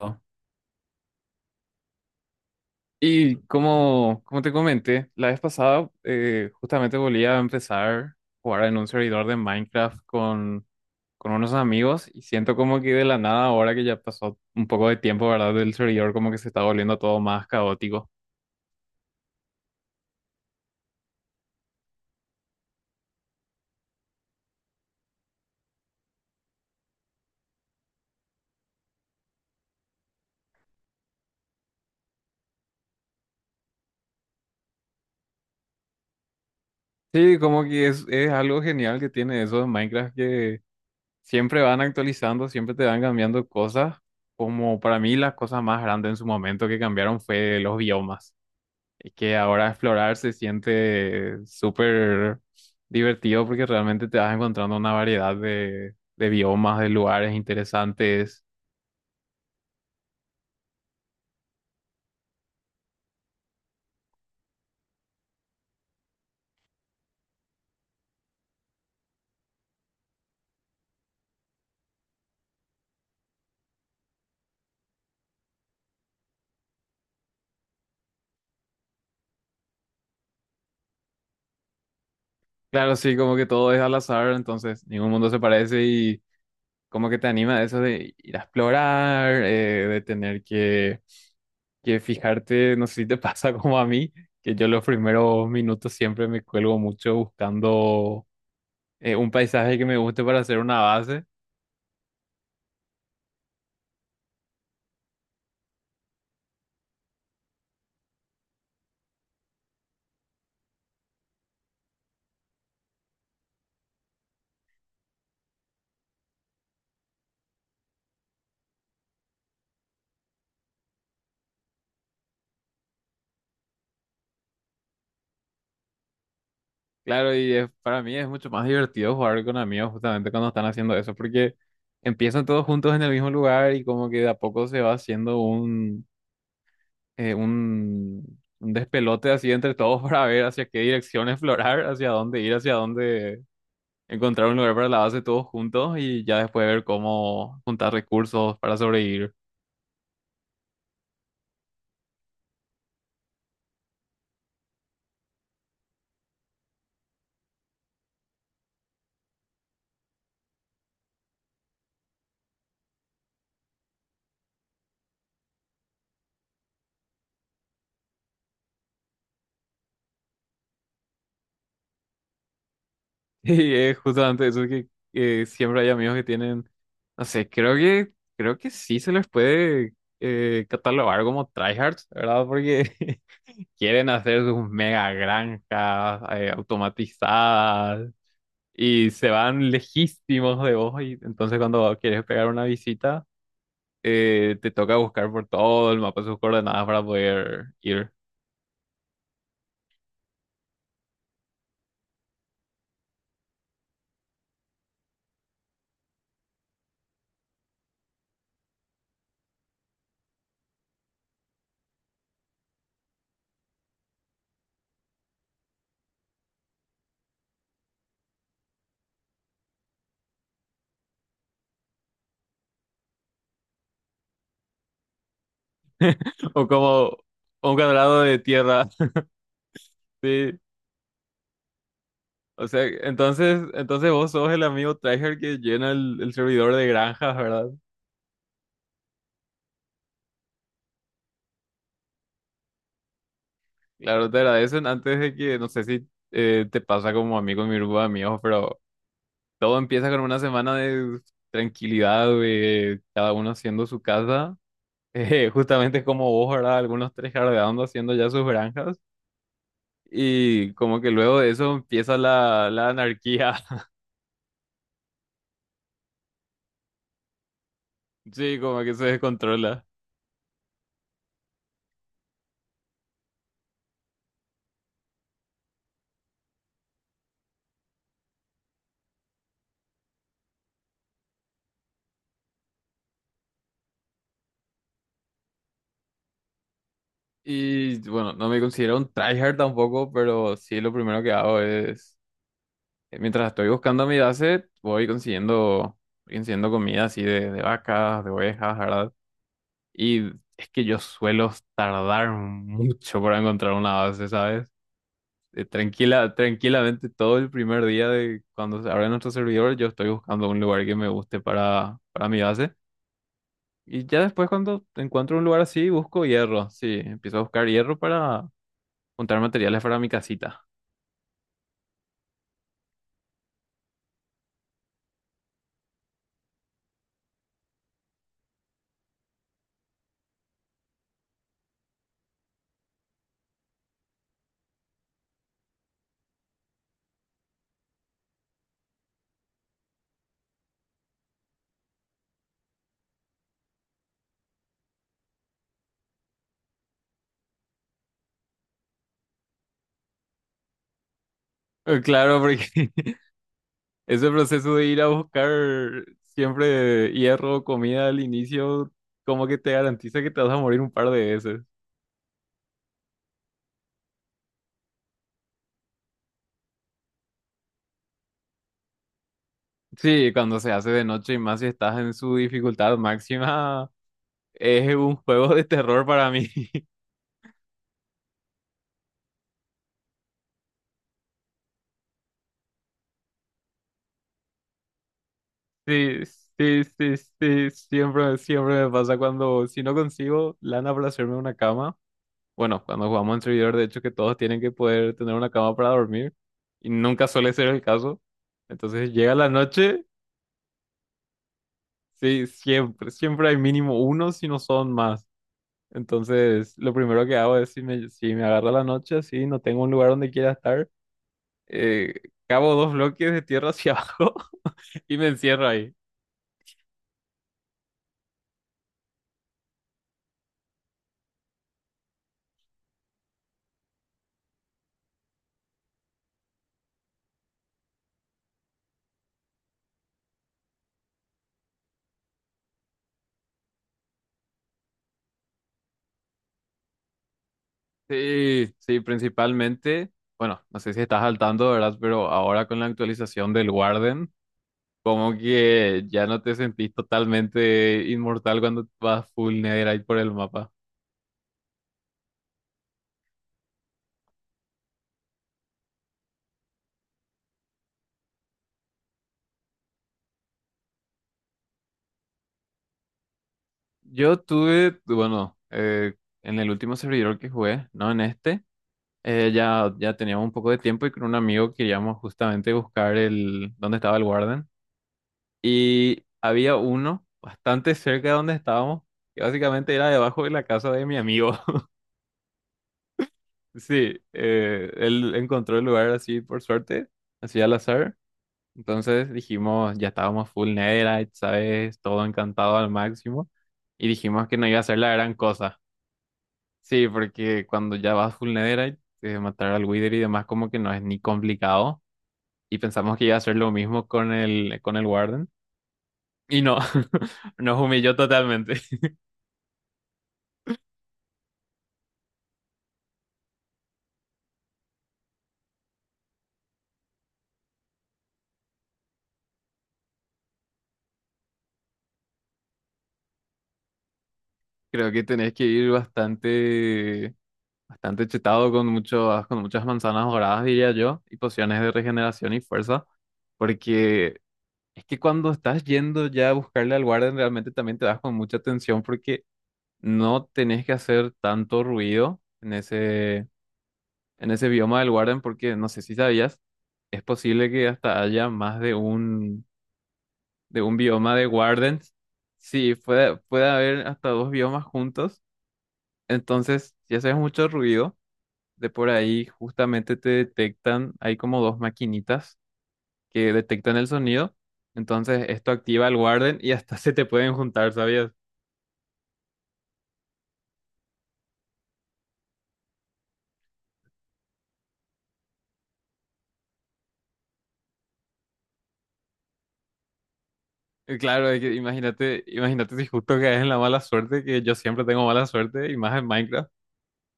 ¿No? Y como te comenté la vez pasada, justamente volví a empezar a jugar en un servidor de Minecraft con unos amigos, y siento como que de la nada, ahora que ya pasó un poco de tiempo, ¿verdad? Del servidor, como que se está volviendo todo más caótico. Sí, como que es algo genial que tiene eso de Minecraft, que siempre van actualizando, siempre te van cambiando cosas. Como para mí las cosas más grandes en su momento que cambiaron fue los biomas. Es que ahora explorar se siente súper divertido, porque realmente te vas encontrando una variedad de biomas, de lugares interesantes. Claro, sí, como que todo es al azar, entonces ningún mundo se parece, y como que te anima eso de ir a explorar, de tener que fijarte, no sé si te pasa como a mí, que yo los primeros minutos siempre me cuelgo mucho buscando un paisaje que me guste para hacer una base. Claro, y para mí es mucho más divertido jugar con amigos justamente cuando están haciendo eso, porque empiezan todos juntos en el mismo lugar, y como que de a poco se va haciendo eh, un, un despelote así entre todos para ver hacia qué dirección explorar, hacia dónde ir, hacia dónde encontrar un lugar para la base todos juntos, y ya después ver cómo juntar recursos para sobrevivir. Y es justamente eso que siempre hay amigos que tienen, no sé, creo que sí se les puede catalogar como tryhards, ¿verdad? Porque quieren hacer sus mega granjas automatizadas, y se van lejísimos de vos, y entonces cuando quieres pegar una visita, te toca buscar por todo el mapa sus coordenadas para poder ir. O como un cuadrado de tierra, sí. O sea, entonces vos sos el amigo tryhard que llena el servidor de granjas, ¿verdad? Claro, te agradecen antes de que, no sé si te pasa como a mí con mi grupo de amigos, pero todo empieza con una semana de tranquilidad, de cada uno haciendo su casa, justamente como vos, ¿verdad? Algunos tryhardeando, haciendo ya sus granjas. Y como que luego de eso empieza la anarquía. Sí, como que se descontrola. Y bueno, no me considero un tryhard tampoco, pero sí lo primero que hago es, mientras estoy buscando mi base, voy consiguiendo comida así de vacas, de ovejas, ¿verdad? Y es que yo suelo tardar mucho para encontrar una base, ¿sabes? Tranquilamente todo el primer día de cuando se abre nuestro servidor, yo estoy buscando un lugar que me guste para mi base. Y ya después, cuando encuentro un lugar así, busco hierro. Sí, empiezo a buscar hierro para juntar materiales para mi casita. Claro, porque ese proceso de ir a buscar siempre hierro o comida al inicio, como que te garantiza que te vas a morir un par de veces. Sí, cuando se hace de noche, y más si estás en su dificultad máxima, es un juego de terror para mí. Sí, sí, siempre, siempre me pasa cuando, si no consigo lana para hacerme una cama. Bueno, cuando jugamos en servidor, de hecho, que todos tienen que poder tener una cama para dormir. Y nunca suele ser el caso. Entonces llega la noche, sí, siempre, siempre hay mínimo uno, si no son más. Entonces, lo primero que hago es, si si me agarra la noche, sí, no tengo un lugar donde quiera estar, eh, cavo dos bloques de tierra hacia abajo y me encierro ahí. Sí, sí, principalmente, bueno, no sé si estás al tanto, ¿verdad? Pero ahora con la actualización del Warden, como que ya no te sentís totalmente inmortal cuando vas full netherite por el mapa. Yo tuve, bueno, en el último servidor que jugué, no en este, ya teníamos un poco de tiempo, y con un amigo queríamos justamente buscar el, dónde estaba el Warden. Y había uno bastante cerca de donde estábamos, que básicamente era debajo de la casa de mi amigo. Sí, él encontró el lugar así por suerte, así al azar. Entonces dijimos, ya estábamos full Netherite, ¿sabes? Todo encantado al máximo. Y dijimos que no iba a ser la gran cosa. Sí, porque cuando ya vas full Netherite, matar al Wither y demás, como que no es ni complicado. Y pensamos que iba a ser lo mismo con el Warden. Y no, nos humilló totalmente. Creo que tenés que ir bastante chetado con con muchas manzanas doradas, diría yo, y pociones de regeneración y fuerza. Porque es que cuando estás yendo ya a buscarle al guardia, realmente también te das con mucha atención, porque no tenés que hacer tanto ruido en ese bioma del guardián, porque no sé si sabías, es posible que hasta haya más de de un bioma de guardians. Sí, puede haber hasta dos biomas juntos. Entonces, si haces mucho ruido, de por ahí justamente te detectan, hay como dos maquinitas que detectan el sonido. Entonces esto activa el Warden y hasta se te pueden juntar, ¿sabías? Y claro, es que imagínate si justo caes en la mala suerte, que yo siempre tengo mala suerte, y más en Minecraft.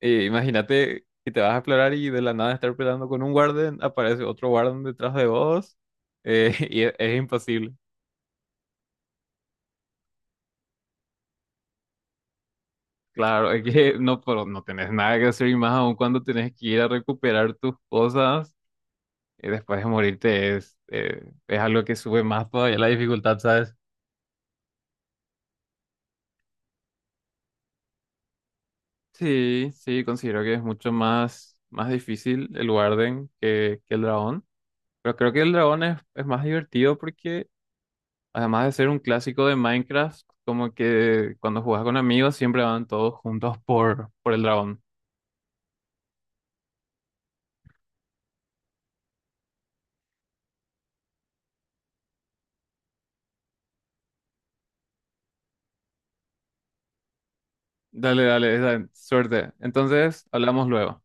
Imagínate que te vas a explorar y de la nada, estar peleando con un Warden, aparece otro Warden detrás de vos, y es imposible. Claro, es que no, pero no tenés nada que hacer, y más aún cuando tenés que ir a recuperar tus cosas, y después de morirte es algo que sube más todavía la dificultad, ¿sabes? Sí, sí, considero que es mucho más difícil el Warden que el dragón. Pero creo que el dragón es más divertido porque, además de ser un clásico de Minecraft, como que cuando juegas con amigos, siempre van todos juntos por el dragón. Dale, suerte. Entonces, hablamos luego.